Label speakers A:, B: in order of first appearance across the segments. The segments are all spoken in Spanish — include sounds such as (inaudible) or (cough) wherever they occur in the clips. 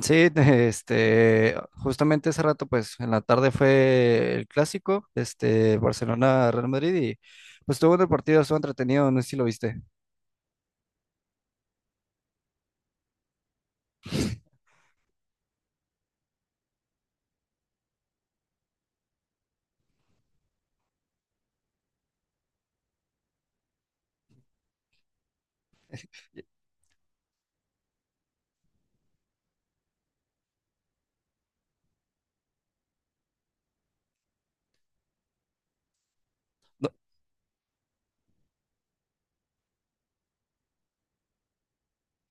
A: Sí, (laughs) justamente hace rato, pues, en la tarde fue el clásico, Barcelona-Real Madrid y, pues, tuvo un partido, estuvo entretenido, no sé si lo viste. No,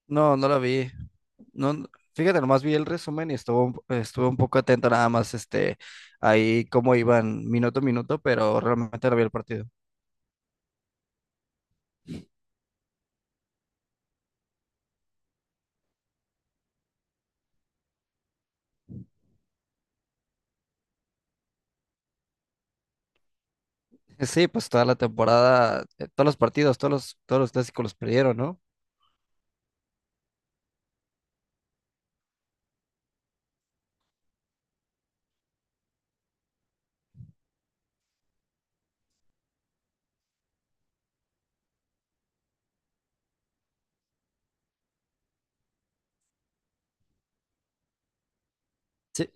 A: no, no lo vi. No, fíjate, nomás vi el resumen y estuve un poco atento nada más, ahí cómo iban minuto a minuto, pero realmente no vi el partido. Sí, pues, toda la temporada, todos los partidos, todos los clásicos los perdieron, ¿no? Sí,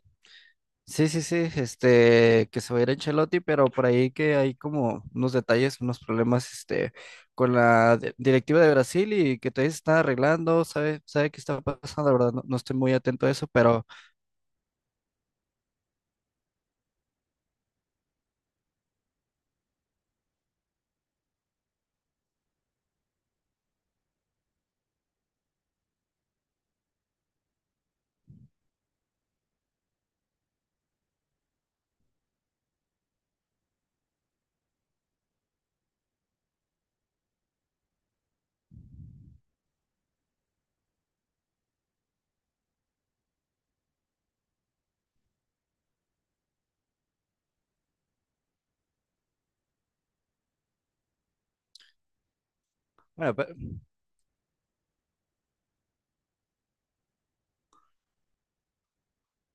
A: Sí, sí, sí, que se va a ir Ancelotti, pero por ahí que hay como unos detalles, unos problemas, con la directiva de Brasil y que todavía se están arreglando, sabe qué está pasando, la verdad, no estoy muy atento a eso, pero, bueno,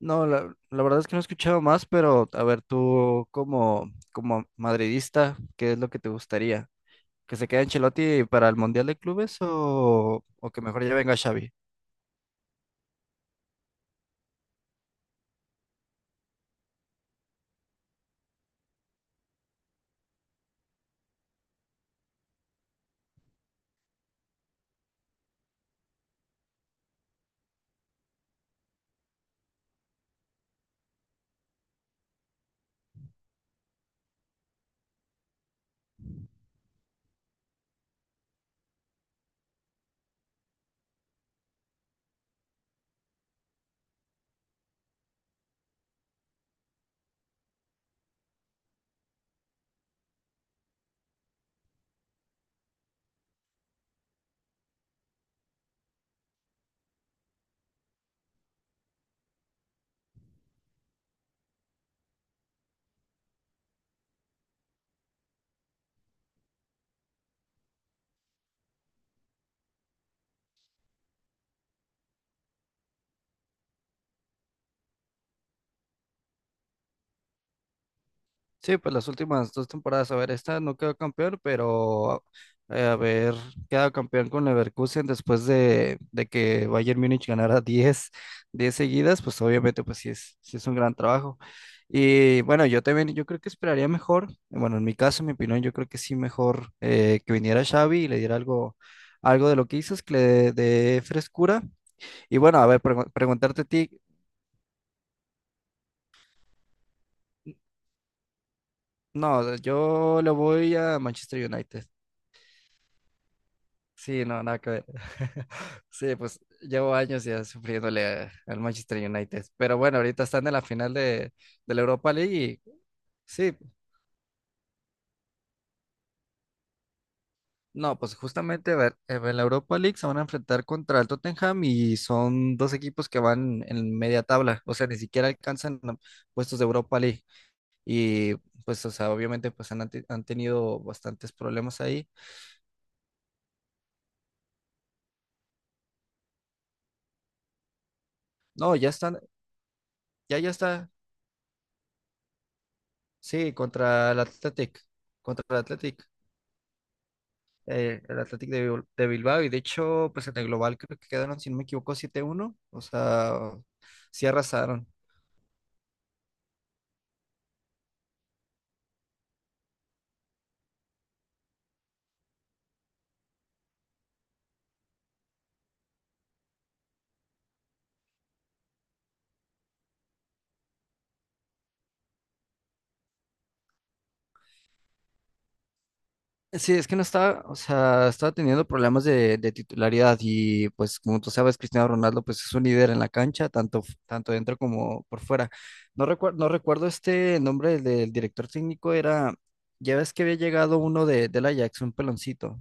A: no, la verdad es que no he escuchado más, pero, a ver, tú como madridista, ¿qué es lo que te gustaría? ¿Que se quede Ancelotti para el Mundial de Clubes o que mejor ya venga Xavi? Sí, pues las últimas dos temporadas, a ver, esta no quedó campeón, pero a ver, queda campeón con Leverkusen después de que Bayern Múnich ganara diez seguidas, pues obviamente pues sí es un gran trabajo. Y bueno, yo también, yo creo que esperaría mejor, bueno, en mi caso, en mi opinión, yo creo que sí mejor que viniera Xavi y le diera algo de lo que hizo, es que le dé frescura. Y bueno, a ver, preguntarte a ti, no, yo le voy a Manchester United. Sí, no, nada que ver. (laughs) Sí, pues llevo años ya sufriéndole al Manchester United. Pero bueno, ahorita están en la final de la Europa League y sí, no, pues justamente a ver, en la Europa League se van a enfrentar contra el Tottenham y son dos equipos que van en media tabla, o sea, ni siquiera alcanzan puestos de Europa League. Y pues, o sea, obviamente pues han tenido bastantes problemas ahí. No, ya están, ya está, sí, contra el Athletic. El Athletic de Bilbao y de hecho, pues en el global creo que quedaron, si no me equivoco, 7-1 o sea, sí arrasaron. Sí, es que no estaba, o sea, estaba teniendo problemas de titularidad y pues como tú sabes, Cristiano Ronaldo pues es un líder en la cancha, tanto dentro como por fuera. No recuerdo este nombre del director técnico, era, ya ves que había llegado uno del Ajax, un peloncito.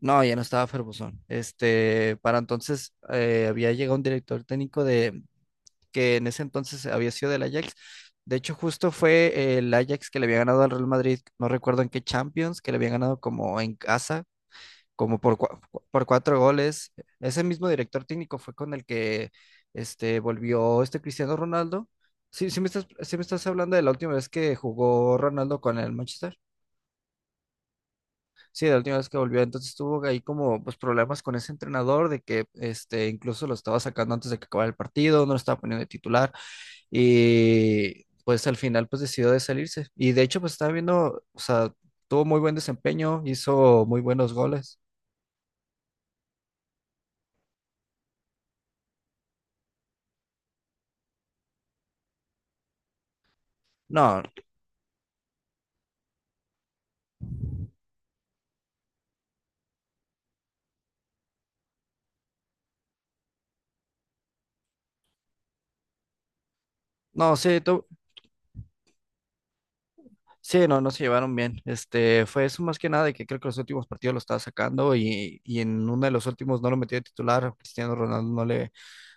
A: No, ya no estaba Ferguson. Para entonces había llegado un director técnico que en ese entonces había sido del Ajax. De hecho, justo fue el Ajax que le había ganado al Real Madrid, no recuerdo en qué Champions, que le había ganado como en casa, como por cuatro goles. Ese mismo director técnico fue con el que volvió este Cristiano Ronaldo. Sí, sí me estás hablando de la última vez que jugó Ronaldo con el Manchester. Sí, la última vez que volvió. Entonces tuvo ahí como pues, problemas con ese entrenador de que incluso lo estaba sacando antes de que acabara el partido, no lo estaba poniendo de titular. Y pues al final pues decidió de salirse. Y de hecho pues estaba viendo, o sea, tuvo muy buen desempeño, hizo muy buenos goles. No, no, sí, sí, no se llevaron bien. Fue eso más que nada de que creo que los últimos partidos lo estaba sacando y en uno de los últimos no lo metió de titular, Cristiano Ronaldo no le...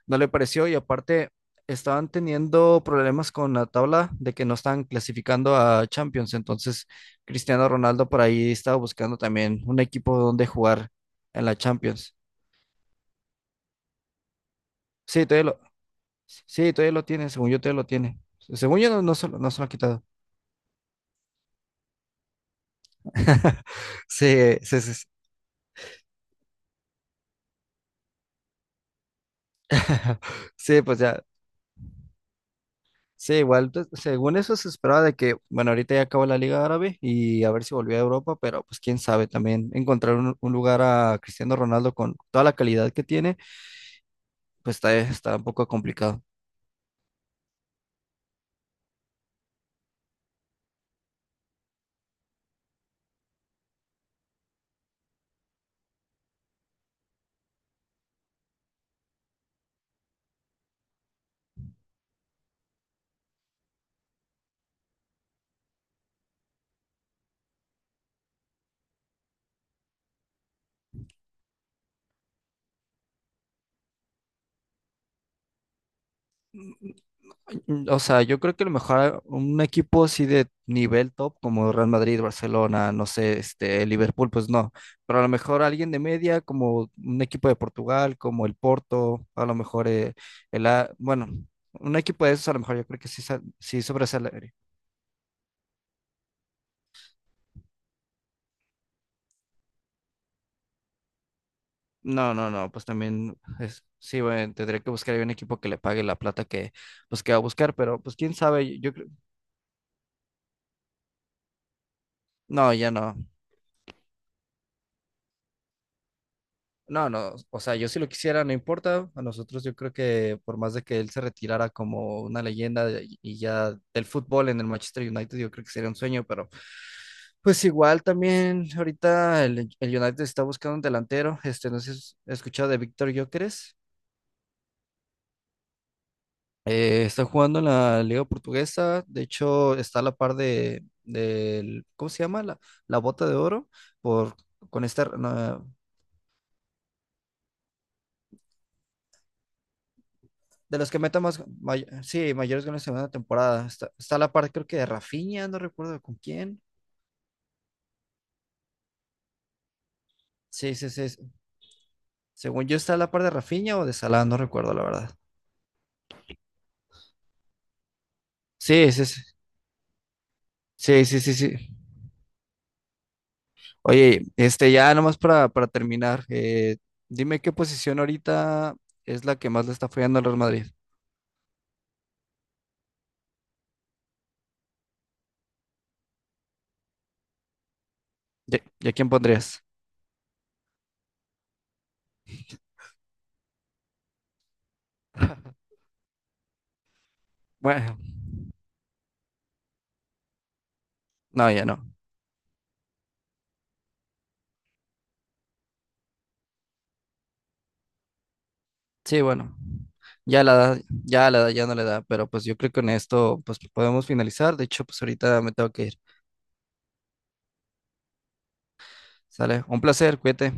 A: no le pareció y aparte estaban teniendo problemas con la tabla de que no estaban clasificando a Champions, entonces Cristiano Ronaldo por ahí estaba buscando también un equipo donde jugar en la Champions. Sí, sí, todavía lo tiene, según yo todavía lo tiene. Según yo no se lo ha quitado. (laughs) Sí, sí, sí. Sí, (laughs) Sí, pues ya, Sí, igual, pues, según eso se esperaba de que, bueno, ahorita ya acabó la Liga Árabe y a ver si volvió a Europa, pero pues quién sabe también encontrar un lugar a Cristiano Ronaldo con toda la calidad que tiene, pues está un poco complicado. O sea, yo creo que a lo mejor un equipo así de nivel top como Real Madrid, Barcelona, no sé, Liverpool, pues no, pero a lo mejor alguien de media como un equipo de Portugal, como el Porto, a lo mejor bueno. Un equipo de esos a lo mejor yo creo que sí sobresale, No, no, no, pues también es, sí, bueno, tendría que buscar ahí un equipo que le pague la plata que, pues, que va a buscar, pero pues quién sabe, yo creo, no, ya no, no, no, o sea, yo si lo quisiera, no importa, a nosotros yo creo que por más de que él se retirara como una leyenda y ya del fútbol en el Manchester United, yo creo que sería un sueño, pero pues igual también ahorita el United está buscando un delantero, no sé si has escuchado de Víctor Gyökeres. Está jugando en la Liga Portuguesa, de hecho está a la par del, ¿cómo se llama? La bota de oro por, con este, no, de los que metan más, sí, mayores goles en una temporada. Está a la par creo que de Rafinha, no recuerdo con quién. Sí, sí, sí. sí. Según yo está a la par de Rafinha o de Salah, no recuerdo la verdad. Sí, sí, sí. Sí, sí, sí, sí. Oye, ya nomás para terminar, dime qué posición ahorita es la que más le está fallando al Real Madrid. ¿Y a quién pondrías? (laughs) Bueno, no, ya no. Sí, bueno, ya la edad ya no le da, pero pues yo creo que con esto pues podemos finalizar. De hecho, pues ahorita me tengo que ir. Sale, un placer, cuídate.